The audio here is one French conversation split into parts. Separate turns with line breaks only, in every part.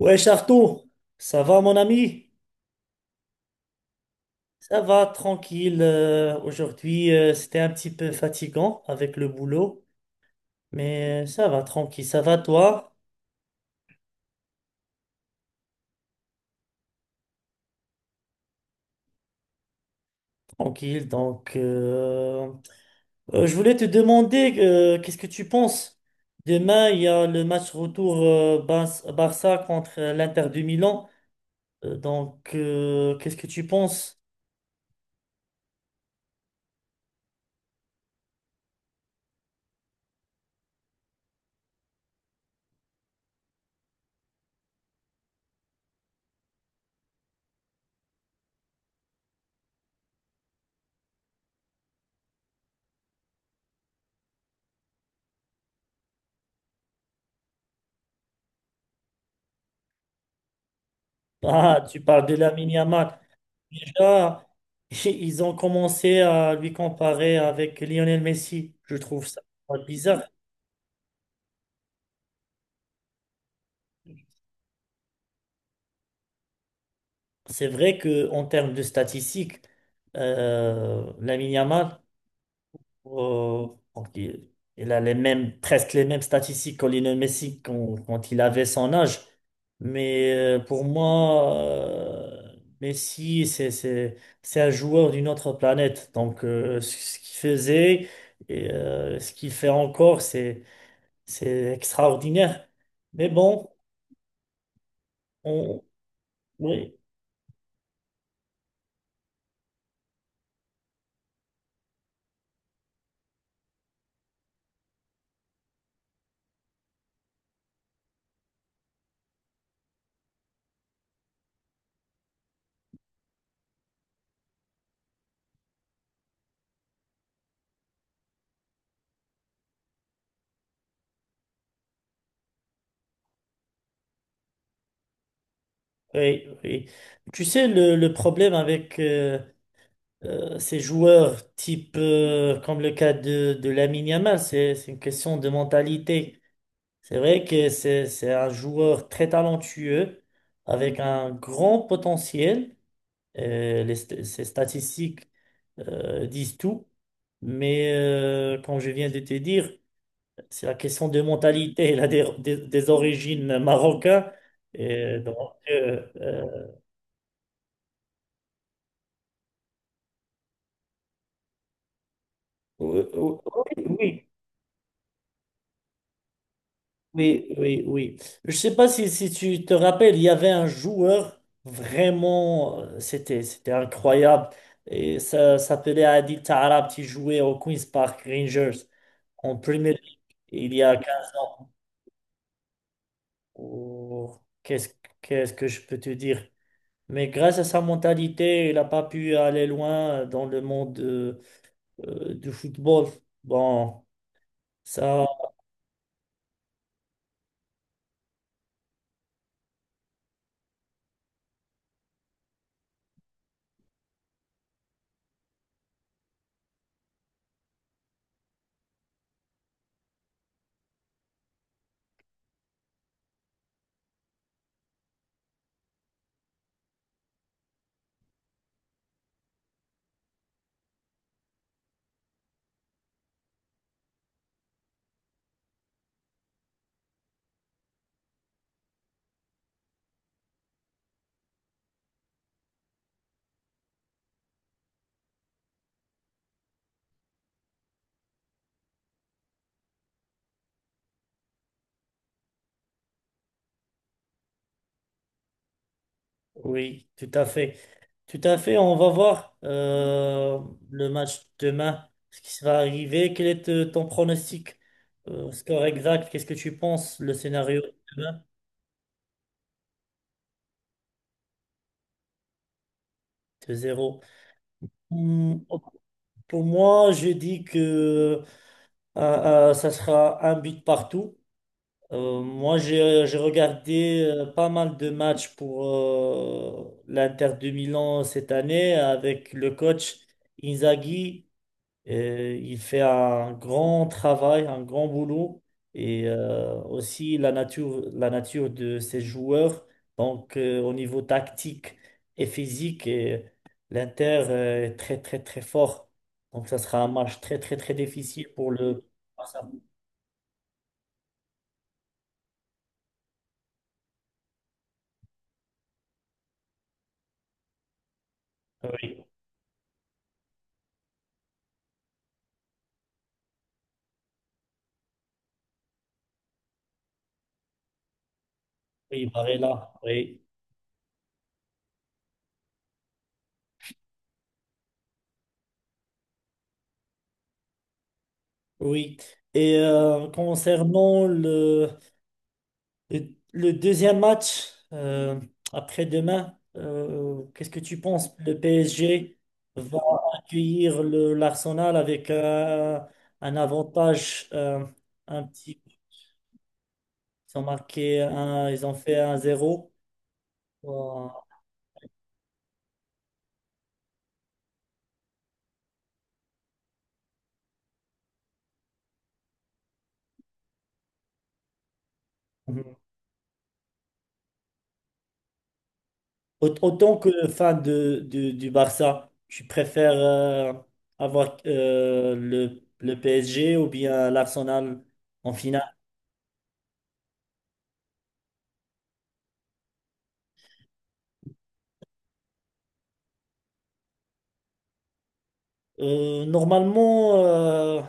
Ouais, Arthur, ça va mon ami? Ça va, tranquille. Aujourd'hui, c'était un petit peu fatigant avec le boulot, mais ça va, tranquille. Ça va, toi? Tranquille. Je voulais te demander, qu'est-ce que tu penses? Demain, il y a le match retour Barça contre l'Inter de Milan. Qu'est-ce que tu penses? Ah, tu parles de la Yamal. Déjà, ils ont commencé à lui comparer avec Lionel Messi. Je trouve ça bizarre. C'est vrai que en termes de statistiques, Lamine Yamal, euh, donc, il il a les mêmes, presque les mêmes statistiques que Lionel Messi quand, il avait son âge. Mais pour moi, Messi, c'est un joueur d'une autre planète. Ce qu'il faisait et ce qu'il fait encore, c'est... C'est extraordinaire. Mais bon, on... Oui, oui, oui. Tu sais, le problème avec ces joueurs type, comme le cas de, Lamine Yamal, c'est une question de mentalité. C'est vrai que c'est un joueur très talentueux, avec un grand potentiel. Ses statistiques disent tout. Mais comme je viens de te dire, c'est la question de mentalité, là, des origines marocaines. Et donc, euh, euh, oui, oui, oui, oui, oui. Oui. Je sais pas si, si tu te rappelles, il y avait un joueur vraiment, c'était incroyable. Et ça s'appelait Adil Taarabt, qui jouait au Queen's Park Rangers en Premier League il y a 15 ans. Oh, qu'est-ce que je peux te dire? Mais grâce à sa mentalité, il n'a pas pu aller loin dans le monde. Du football. Bon, ça, oui, tout à fait. Tout à fait. On va voir le match demain, ce qui va arriver. Quel est ton pronostic? Score exact, qu'est-ce que tu penses? Le scénario de demain, deux zéro. Hmm. Pour moi, je dis que ça sera un but partout. Moi, j'ai regardé pas mal de matchs pour l'Inter de Milan cette année avec le coach Inzaghi. Il fait un grand travail, un grand boulot et aussi la nature de ses joueurs. Au niveau tactique et physique, et l'Inter est très, très, très fort. Donc, ça sera un match très, très, très difficile pour le. Oui, oui, Barella, oui. Oui. Et concernant le deuxième match après-demain, qu'est-ce que tu penses? Le PSG va accueillir le, l'Arsenal avec un avantage un petit. Ils ont marqué un, ils ont fait un zéro. Euh, Autant que fan de, du Barça, tu préfères avoir le PSG ou bien l'Arsenal en finale? Normalement,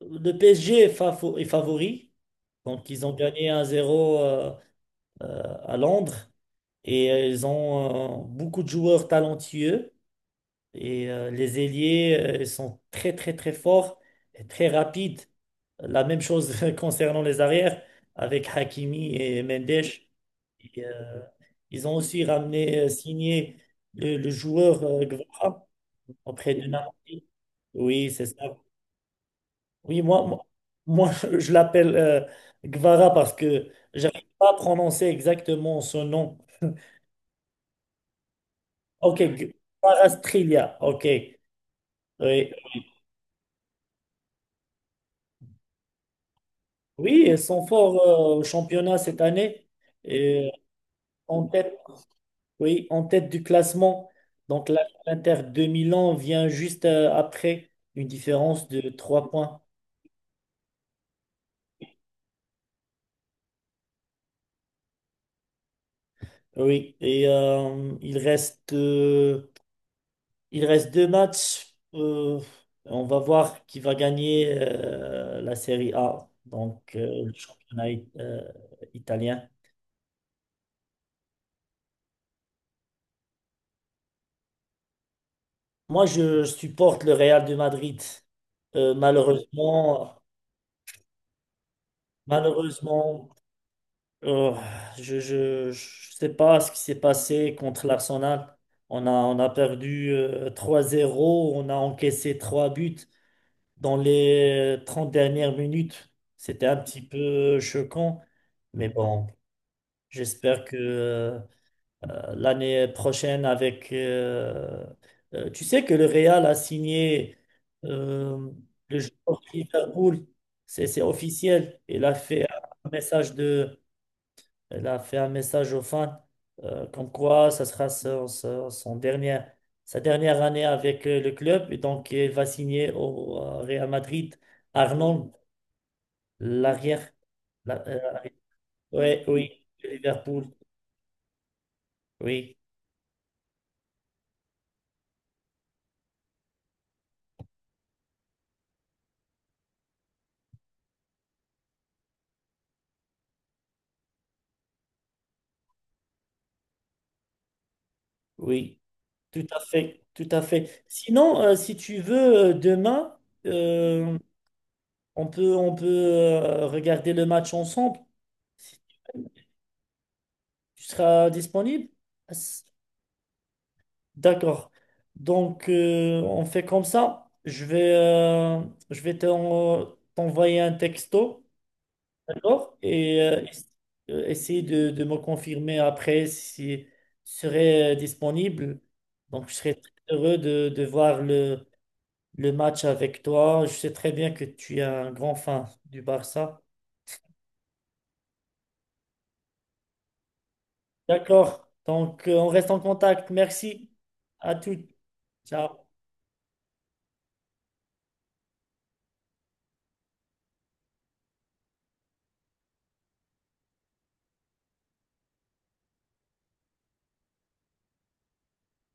le PSG est, est favori. Donc, ils ont gagné 1-0 euh, à Londres et ils ont beaucoup de joueurs talentueux. Et les ailiers ils sont très très très forts et très rapides. La même chose concernant les arrières avec Hakimi et Mendes. Et, euh, Ils ont aussi ramené, signé le joueur Guevara auprès de Napoli. Oui, c'est ça. Oui, moi, moi, Moi, je l'appelle Guevara parce que j'arrive pas à prononcer exactement son nom. Ok, Guevara Strilia. Ok. Oui. Oui, elles sont forts au championnat cette année. Et en tête, oui, en tête du classement. Donc l'Inter de Milan vient juste après, une différence de 3 points. Oui, et il reste, il reste 2 matchs. On va voir qui va gagner la Série A, le championnat italien. Moi, je supporte le Real de Madrid. Malheureusement, malheureusement, Euh, je sais pas ce qui s'est passé contre l'Arsenal. On a perdu 3-0, on a encaissé 3 buts dans les 30 dernières minutes. C'était un petit peu choquant, mais bon, j'espère que l'année prochaine avec... tu sais que le Real a signé euh, le joueur Liverpool, c'est officiel. Il a fait un message de elle a fait un message aux fans comme quoi ça sera son dernier, sa dernière année avec le club. Et donc, elle va signer au Real Madrid. Arnold, l'arrière. la- euh, ouais, oui, Liverpool. Oui, oui, tout à fait, tout à fait. Sinon, si tu veux, demain, euh, on peut regarder le match ensemble. Si tu seras disponible? D'accord. On fait comme ça. Je vais t'envoyer un texto, d'accord? Et essayer de, me confirmer après si je serai disponible. Donc, je serai très heureux de, voir le match avec toi. Je sais très bien que tu es un grand fan du Barça. D'accord. On reste en contact. Merci à toutes. Ciao.